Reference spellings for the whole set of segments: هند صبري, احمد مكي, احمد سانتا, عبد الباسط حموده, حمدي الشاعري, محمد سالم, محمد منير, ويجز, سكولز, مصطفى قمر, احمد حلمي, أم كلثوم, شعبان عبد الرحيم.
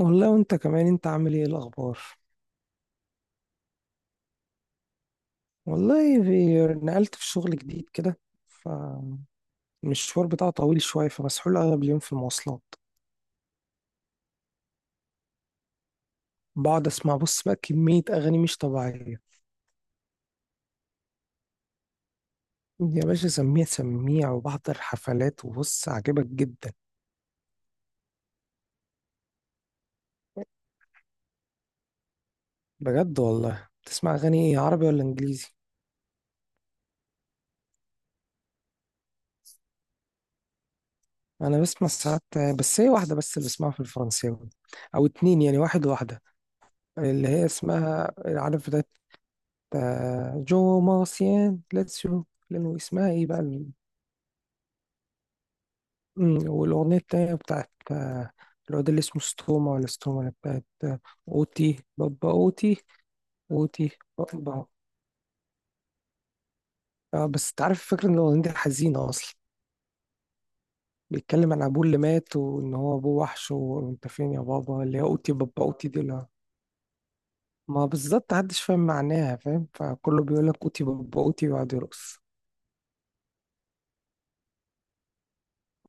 والله وانت كمان، انت عامل ايه الاخبار؟ والله نقلت في شغل جديد كده، فالمشوار بتاعه طويل شويه، فمسحول اغلب اليوم في المواصلات. بقعد اسمع، بص بقى، كميه اغاني مش طبيعيه. يا باشا، سميع سميع وبحضر حفلات، وبص عاجبك جدا. بجد والله، بتسمع اغاني ايه، عربي ولا انجليزي؟ انا بسمع ساعات، بس هي واحده بس اللي بسمعها في الفرنساوي، او اتنين يعني، واحد واحده. اللي هي اسمها، عارف ده، جو مارسيان لاتسيو. لأنه اسمها ايه بقى، والأغنية التانية بتاعت الواد اللي اسمه ستوما، ولا ستوما اللي بتاعت، أوتي بابا أوتي، أوتي بابا. اه بس انت عارف، الفكرة ان الأغنية دي حزينة أصلا، بيتكلم عن أبوه اللي مات، وإن هو أبوه وحش، وأنت فين يا بابا، اللي هي أوتي بابا أوتي دي. لا، ما بالظبط محدش فاهم معناها، فاهم، فكله بيقول لك أوتي بابا أوتي ويقعد يرقص.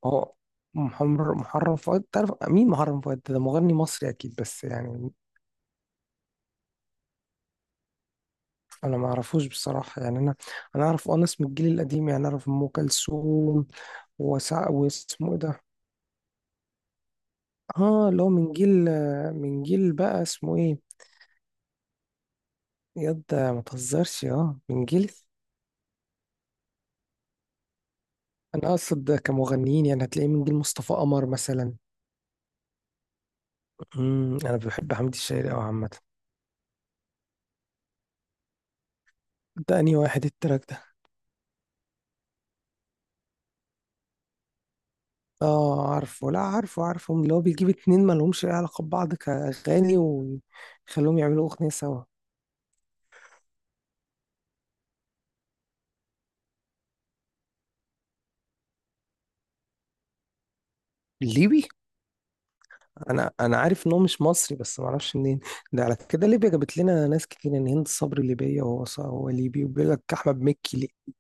هو محرم فؤاد، تعرف مين محرم فؤاد ده مغني مصري اكيد، بس يعني انا ما اعرفوش بصراحه يعني، انا اعرف ناس من الجيل القديم يعني، اعرف ام كلثوم. وسع، واسمه ايه ده؟ اه، اللي هو من جيل بقى اسمه ايه، ياد ما تهزرش. اه، من جيل، انا اقصد كمغنيين يعني، هتلاقيه من جيل مصطفى قمر مثلا. انا بحب حمدي الشاعري قوي عامه. ده انهي واحد التراك ده؟ اه عارفه، لا، عارفه عارفه، اللي هو بيجيب اتنين مالهمش اي علاقة ببعض كأغاني ويخليهم يعملوا أغنية سوا. الليبي؟ انا عارف ان هو مش مصري، بس ما اعرفش منين. ده على كده ليبيا جابت لنا ناس كتير، ان هند صبري ليبية، وهو هو ليبي، وبيقول لك احمد مكي ليه.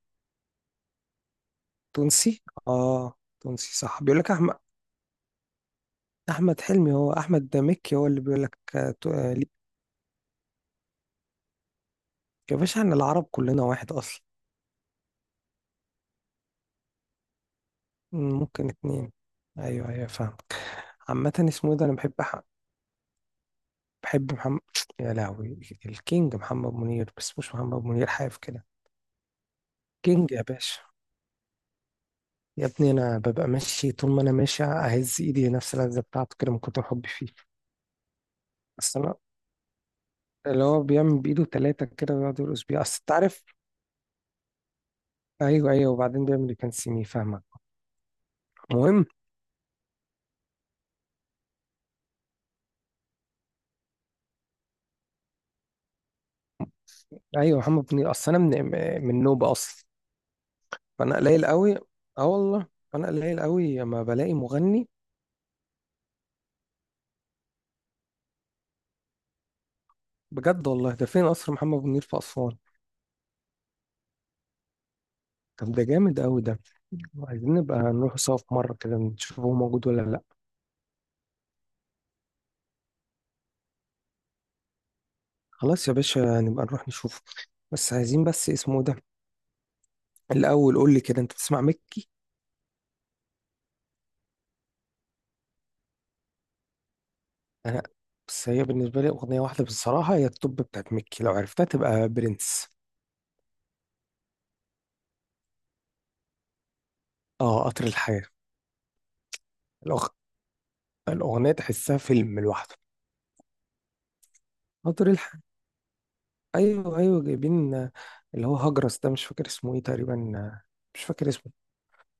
تونسي؟ اه، تونسي صح، بيقول لك احمد حلمي، هو احمد ده، مكي هو اللي بيقول لك، ليبي. يا باشا، احنا العرب كلنا واحد اصلا. ممكن اتنين. ايوه ايوه، فاهم. عامة اسمه إيه ده، انا بحب بحب محمد، يا لهوي، الكينج محمد منير، بس مش محمد منير حاف كده. كينج يا باشا. يا ابني انا ببقى ماشي، طول ما انا ماشي اهز ايدي نفس اللذه بتاعته كده، من كتر حبي فيه. اصل انا، اللي هو بيعمل بايده ثلاثه كده ويقعد يرقص بيها، اصل انت عارف، ايوه ايوه، وبعدين بيعمل كان سيمي، فاهمك؟ المهم. ايوه محمد منير، اصل انا من نوبه اصلا، فانا قليل قوي. اه والله، انا قليل قوي لما بلاقي مغني. بجد والله؟ ده فين قصر محمد منير في اسوان؟ طب ده جامد قوي ده، عايزين نبقى نروح سوا في مرة كده، نشوف هو موجود ولا لأ. خلاص يا باشا، نبقى نروح نشوفه. بس عايزين، بس اسمه ده الأول، قول لي كده، أنت بتسمع مكي؟ أنا، بس هي بالنسبة لي أغنية واحدة بصراحة، هي التوب بتاعت مكي، لو عرفتها تبقى برنس. آه، قطر الحياة. الأغ... الأغنية تحسها فيلم لوحده. قطر الحياة. أيوه أيوه، جايبين، اللي هو هجرس ده، مش فاكر اسمه إيه تقريبا، مش فاكر اسمه.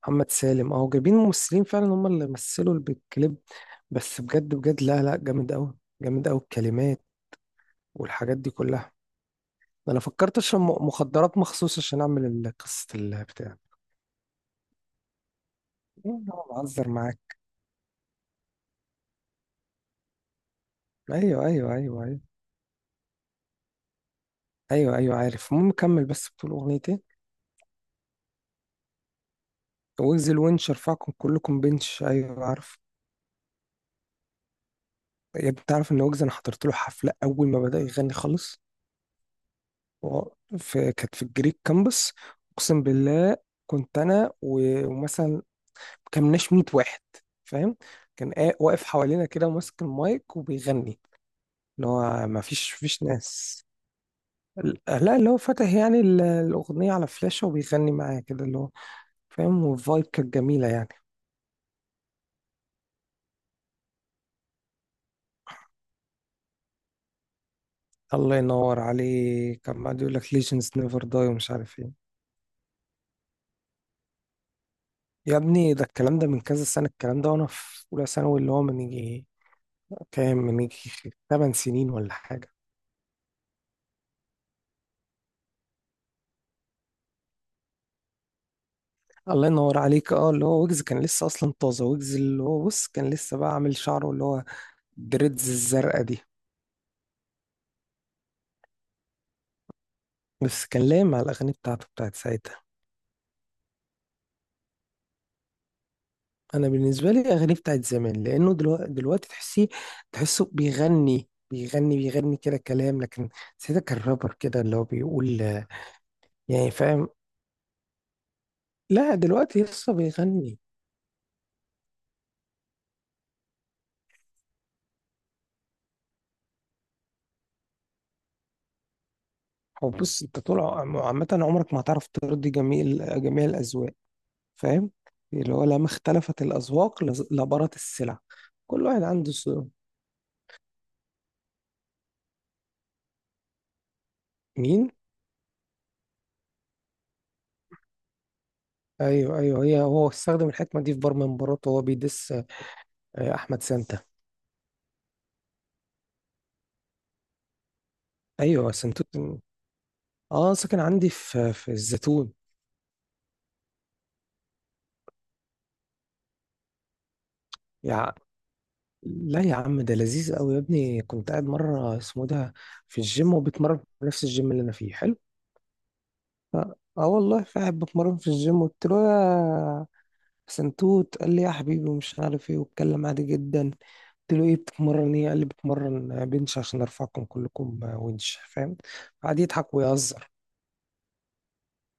محمد سالم، اهو جايبين ممثلين فعلا، هم اللي مثلوا بالكليب. بس بجد بجد، لا لا، جامد قوي، جامد قوي الكلمات والحاجات دي كلها. انا فكرت اشرب مخدرات مخصوص، عشان اعمل قصة البتاع. إيه، انا بهزر معاك. ايوه ايوه ايوه ايوه ايوه ايوه، عارف، المهم كمل، بس بتقول اغنيتين. ويجز، الونش رفعكم كلكم بنش، ايوه عارف. يا ابني، تعرف ان ويجز انا حضرت له حفلة اول ما بدأ يغني خالص؟ و- في كانت في الجريك كامبس، اقسم بالله. كنت انا ومثلا كمناش 100 واحد، فاهم. كان واقف حوالينا كده، وماسك المايك وبيغني، اللي هو ما فيش ناس ال- لا، اللي هو فاتح يعني الأغنية على فلاشة وبيغني معايا كده، اللي هو، فاهم، والفايب كانت جميلة يعني. الله ينور عليك، كان قاعد يقول لك Legends never die ومش عارف ايه. يا ابني، ده الكلام ده من كذا سنة، الكلام ده وانا في أولى ثانوي، اللي هو من يجي كام، من يجي 8 سنين ولا حاجة. الله ينور عليك. اه، اللي هو ويجز كان لسه اصلا طازه، ويجز اللي هو، بص، كان لسه بقى عامل شعره اللي هو دريدز الزرقاء دي، بس كان لايم على الاغاني بتاعته بتاعت ساعتها. انا بالنسبه لي اغاني بتاعت زمان، لانه دلوقتي تحسيه، تحسه بيغني بيغني بيغني كده كلام، لكن ساعتها كان رابر كده، اللي هو بيقول يعني، فاهم. لا، دلوقتي لسه بيغني. هو بص، انت طول عامه عمرك ما هتعرف ترضي جميع جميع الاذواق، فاهم. اللي هو لما اختلفت الاذواق، لبرت السلع، كل واحد عنده ذوق. مين؟ ايوه ايوه، هي هو استخدم الحكمه دي في بار من مراته وهو بيدس. احمد سانتا. ايوه، سنتوت. اه، ساكن عندي في الزيتون. يا لا يا عم ده لذيذ قوي، يا ابني كنت قاعد مره، اسمه ده، في الجيم، وبتمرن في نفس الجيم اللي انا فيه، حلو. ف- اه والله، قاعد بتمرن في الجيم، قلت له يا سنتوت، قال لي يا حبيبي ومش عارف ايه، واتكلم عادي جدا. قلت له ايه، بتتمرن ايه؟ قال لي بتمرن بنش، عشان ارفعكم كلكم ونش، فاهم. قعد يضحك ويهزر.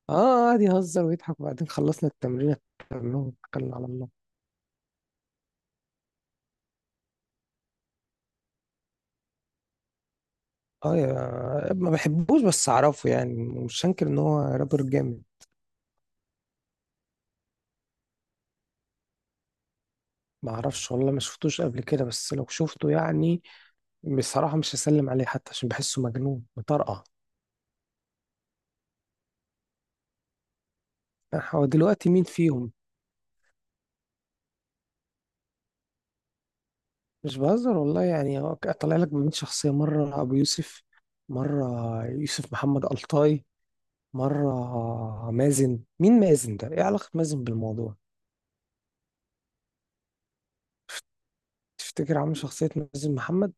اه، قعد يهزر ويضحك، وبعدين خلصنا التمرين، كلهم اتكلنا على الله. اه يا ما بحبوش، بس اعرفه يعني، مش هنكر ان هو رابر جامد. ما اعرفش والله، ما شفتوش قبل كده، بس لو شفته يعني، بصراحة مش هسلم عليه حتى، عشان بحسه مجنون مطرقع. هو دلوقتي مين فيهم؟ مش بهزر والله يعني، هو طالع لك بمين شخصية، مرة ابو يوسف، مرة يوسف محمد ألطاي، مرة مازن، مين مازن ده، ايه علاقة مازن بالموضوع؟ تفتكر عامل شخصية مازن محمد؟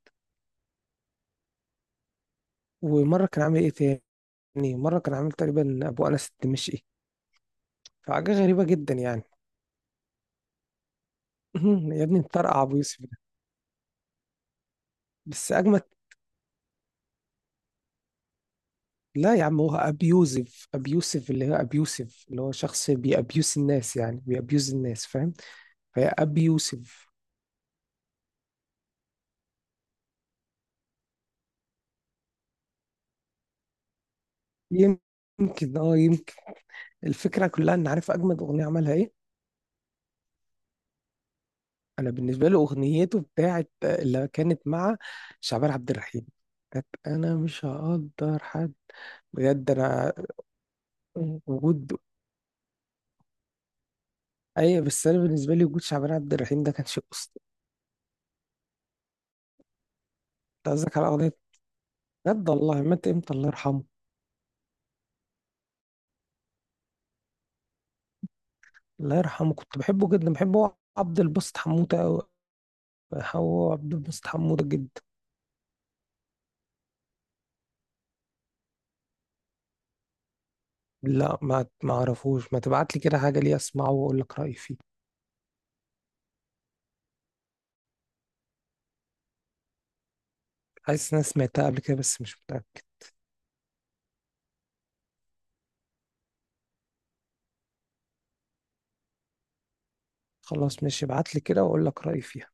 ومرة كان عامل ايه تاني؟ مرة كان عامل تقريبا ابو انس الدمشقي، فحاجة غريبة جدا يعني. يا ابني مطرقع أبو يوسف ده، بس أجمد. لا يا عم، هو أبيوزيف، أبيوسف، اللي هو أبيوسف اللي هو شخص بيأبيوس الناس يعني، بيأبيوز الناس، فاهم؟ فهي أبيوسف. يمكن، اه، يمكن. الفكرة كلها إن، عارف أجمد أغنية عملها إيه؟ أنا بالنسبة له أغنيته بتاعت اللي كانت مع شعبان عبد الرحيم، كانت، أنا مش هقدر حد، بجد أنا، وجود، أي بس أنا بالنسبة لي وجود شعبان عبد الرحيم ده كان شيء أسطوري. أنت قصدك على أغنية؟ بجد والله، مات امتى الله يرحمه؟ الله يرحمه، كنت بحبه جدا، بحبه هو عبد الباسط حموده أوي، هو عبد الباسط حموده جدا. لا، ما اعرفوش، ما تبعت لي كده حاجه ليه، اسمعه واقول لك رايي فيه. حاسس ان انا سمعتها قبل كده بس مش متاكد. خلاص ماشي، ابعت لي كده واقول لك رايي فيها.